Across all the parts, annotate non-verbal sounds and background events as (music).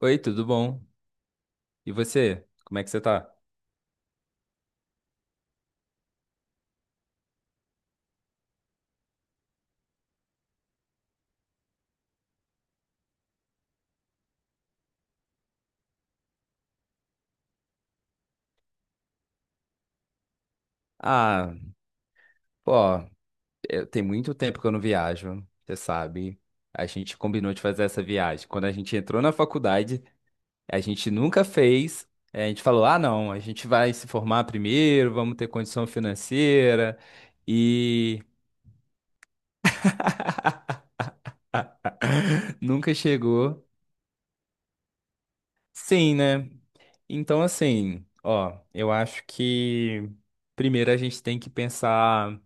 Oi, tudo bom? E você? Como é que você tá? Ah, pô, tem muito tempo que eu não viajo, você sabe. A gente combinou de fazer essa viagem. Quando a gente entrou na faculdade, a gente nunca fez. A gente falou: ah, não, a gente vai se formar primeiro, vamos ter condição financeira. E (laughs) nunca chegou. Sim, né? Então, assim, ó, eu acho que primeiro a gente tem que pensar.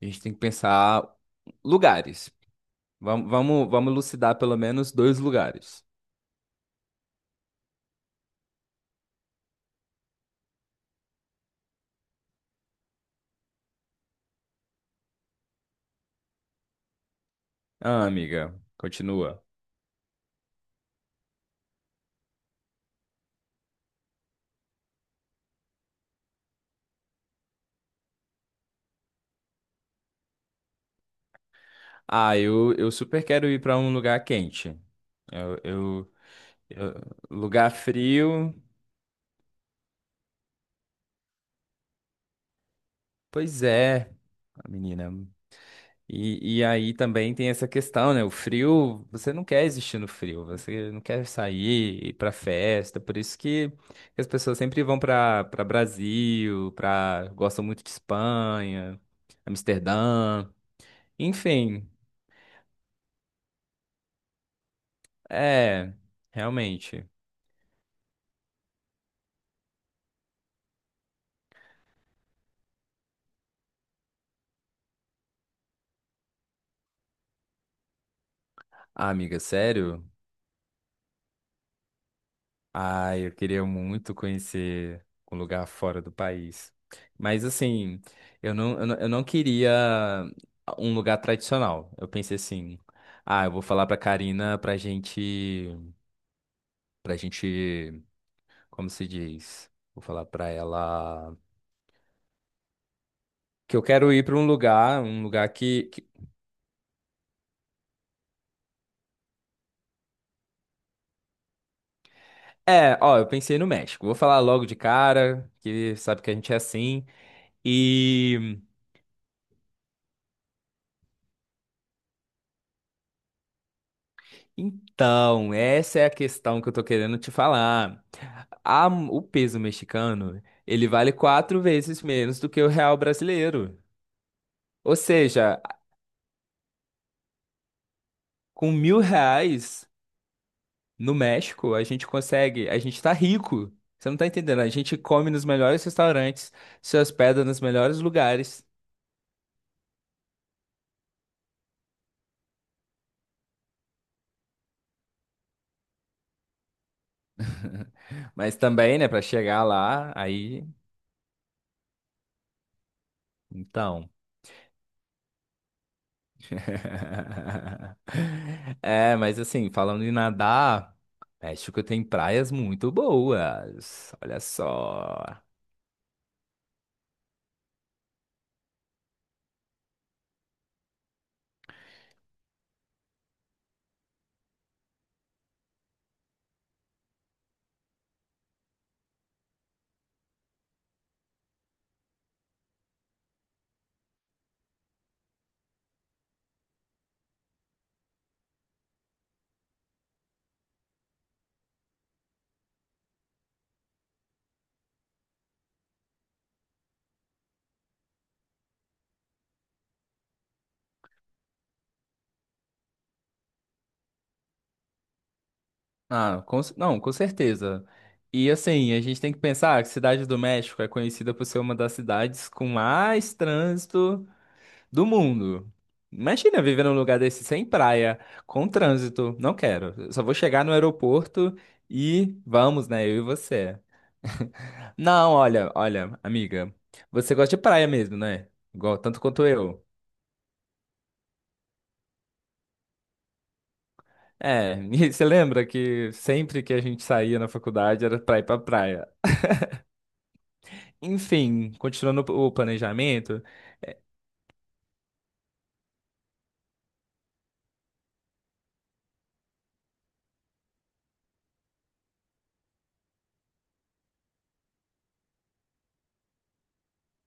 A gente tem que pensar lugares. Vamos elucidar pelo menos dois lugares. Ah, amiga, continua. Ah, eu super quero ir para um lugar quente. Eu, eu, eu- lugar frio. Pois é, menina. E aí também tem essa questão, né? O frio, você não quer existir no frio, você não quer sair, ir pra festa, por isso que as pessoas sempre vão pra para Brasil, pra gostam muito de Espanha, Amsterdã, enfim, é, realmente. Ah, amiga, sério? Ah, eu queria muito conhecer um lugar fora do país. Mas assim, eu não queria um lugar tradicional. Eu pensei assim, ah, eu vou falar pra Karina pra gente, como se diz? Vou falar pra ela que eu quero ir pra um lugar, que... É, ó, eu pensei no México. Vou falar logo de cara, que sabe que a gente é assim. Então, essa é a questão que eu tô querendo te falar. O peso mexicano, ele vale 4 vezes menos do que o real brasileiro. Ou seja, com R$ 1.000 no México, a gente consegue, a gente tá rico. Você não tá entendendo? A gente come nos melhores restaurantes, se hospeda nos melhores lugares. Mas também, né, pra chegar lá, aí, então. (laughs) É, mas assim, falando em nadar, México tem praias muito boas. Olha só. Ah, não, com certeza. E assim, a gente tem que pensar que Cidade do México é conhecida por ser uma das cidades com mais trânsito do mundo. Imagina viver num lugar desse sem praia, com trânsito. Não quero. Eu só vou chegar no aeroporto e vamos, né? Eu e você. (laughs) Não, olha, olha, amiga, você gosta de praia mesmo, né? Igual, tanto quanto eu. É, (laughs) e você lembra que sempre que a gente saía na faculdade era pra ir pra praia. Enfim, continuando o planejamento,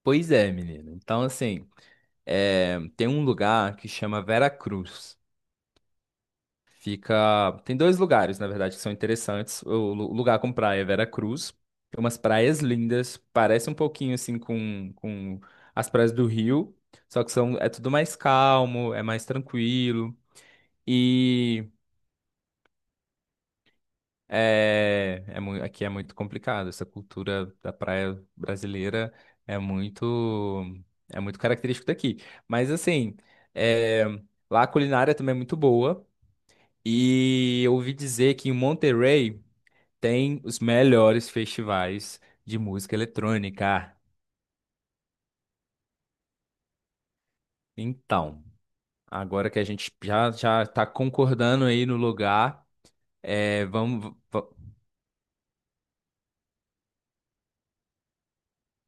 pois é, menina. Então, assim, tem um lugar que chama Vera Cruz. Fica. Tem dois lugares, na verdade, que são interessantes. O lugar com praia é Veracruz. Tem umas praias lindas. Parece um pouquinho assim com as praias do Rio. Só que é tudo mais calmo, é mais tranquilo. E aqui é muito complicado. Essa cultura da praia brasileira é muito. É muito característico daqui. Mas assim, é, lá a culinária também é muito boa. E eu ouvi dizer que em Monterrey tem os melhores festivais de música eletrônica. Então, agora que a gente já já está concordando aí no lugar, vamos. va-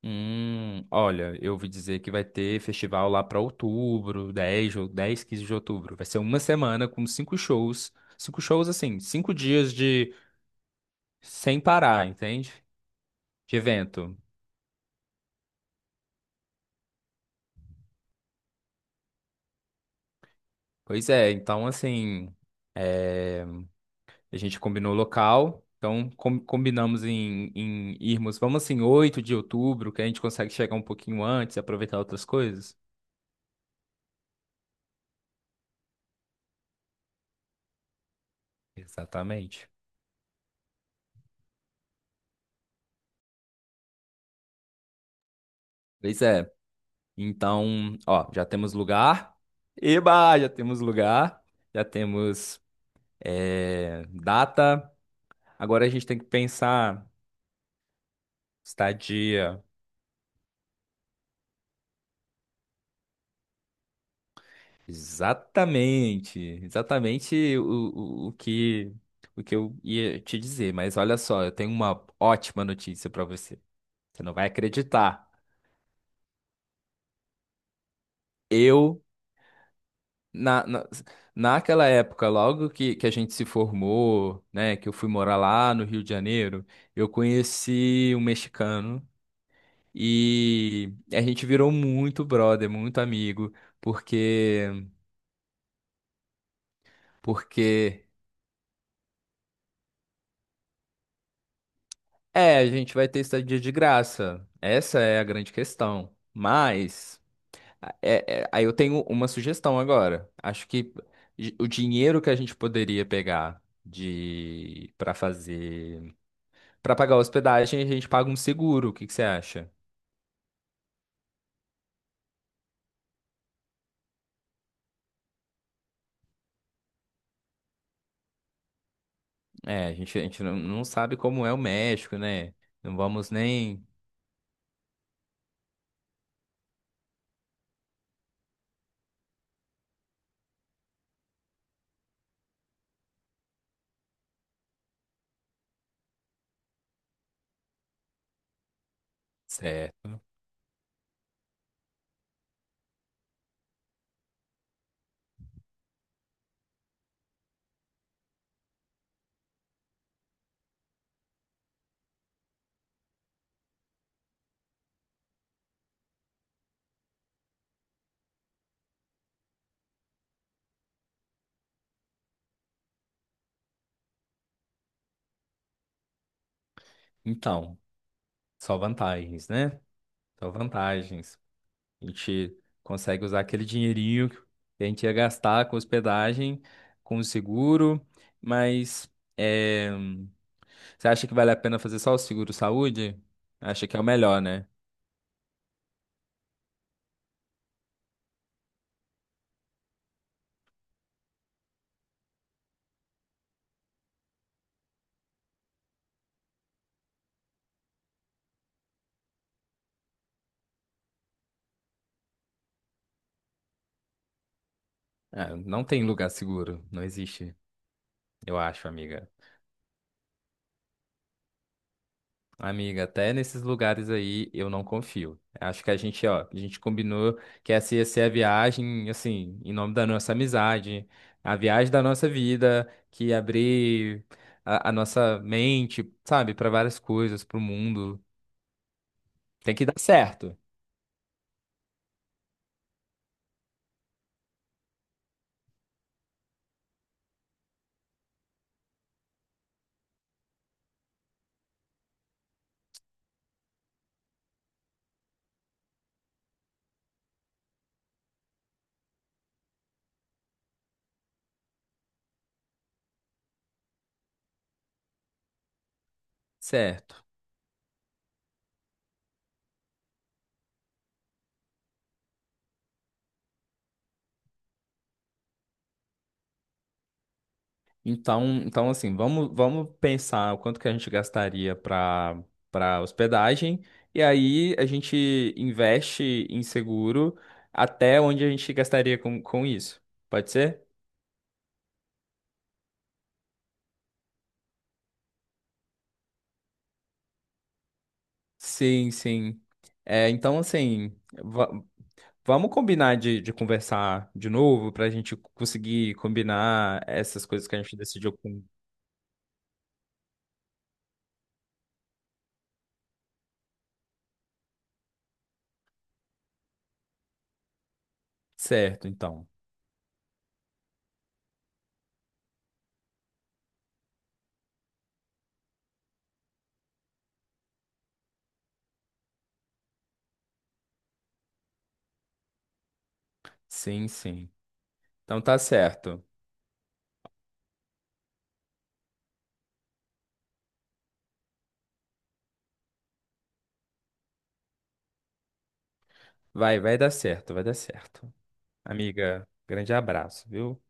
Hum, olha, eu ouvi dizer que vai ter festival lá para outubro, 10 ou 10 15 de outubro. Vai ser uma semana com cinco shows. Cinco shows, assim, 5 dias de sem parar, entende? De evento. Pois é, então assim. é, A gente combinou o local, então combinamos em irmos, vamos assim, 8 de outubro, que a gente consegue chegar um pouquinho antes e aproveitar outras coisas. Exatamente. Pois é. Então, ó, já temos lugar. Eba, já temos lugar. Já temos data. Agora a gente tem que pensar estadia. Exatamente. Exatamente o, o que o que eu ia te dizer, mas olha só, eu tenho uma ótima notícia para você. Você não vai acreditar. Eu, na, na, naquela época, logo que a gente se formou, né, que eu fui morar lá no Rio de Janeiro, eu conheci um mexicano e a gente virou muito brother, muito amigo, porque, porque a gente vai ter estadia de graça. Essa é a grande questão. Mas. Aí eu tenho uma sugestão agora. Acho que o dinheiro que a gente poderia pegar de para fazer para pagar a hospedagem, a gente paga um seguro. O que que você acha? É, a gente não sabe como é o México, né? Não vamos nem. Certo. Então, só vantagens, né? Só vantagens. A gente consegue usar aquele dinheirinho que a gente ia gastar com hospedagem, com o seguro, mas. é, Você acha que vale a pena fazer só o seguro saúde? Acha que é o melhor, né? Ah, não tem lugar seguro, não existe, eu acho, amiga. Amiga, até nesses lugares aí eu não confio. Acho que a gente, ó, a gente combinou que essa ia ser a viagem, assim, em nome da nossa amizade, a viagem da nossa vida, que ia abrir a nossa mente, sabe, para várias coisas, para o mundo. Tem que dar certo, certo. Então assim, vamos pensar o quanto que a gente gastaria para hospedagem e aí a gente investe em seguro até onde a gente gastaria com isso. Pode ser? Sim, sim. É, então, assim, va- vamos combinar de conversar de novo para a gente conseguir combinar essas coisas que a gente decidiu com... Certo, então. Sim, sim. Então tá certo. Vai dar certo, vai dar certo. Amiga, grande abraço, viu?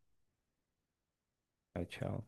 Tchau, tchau.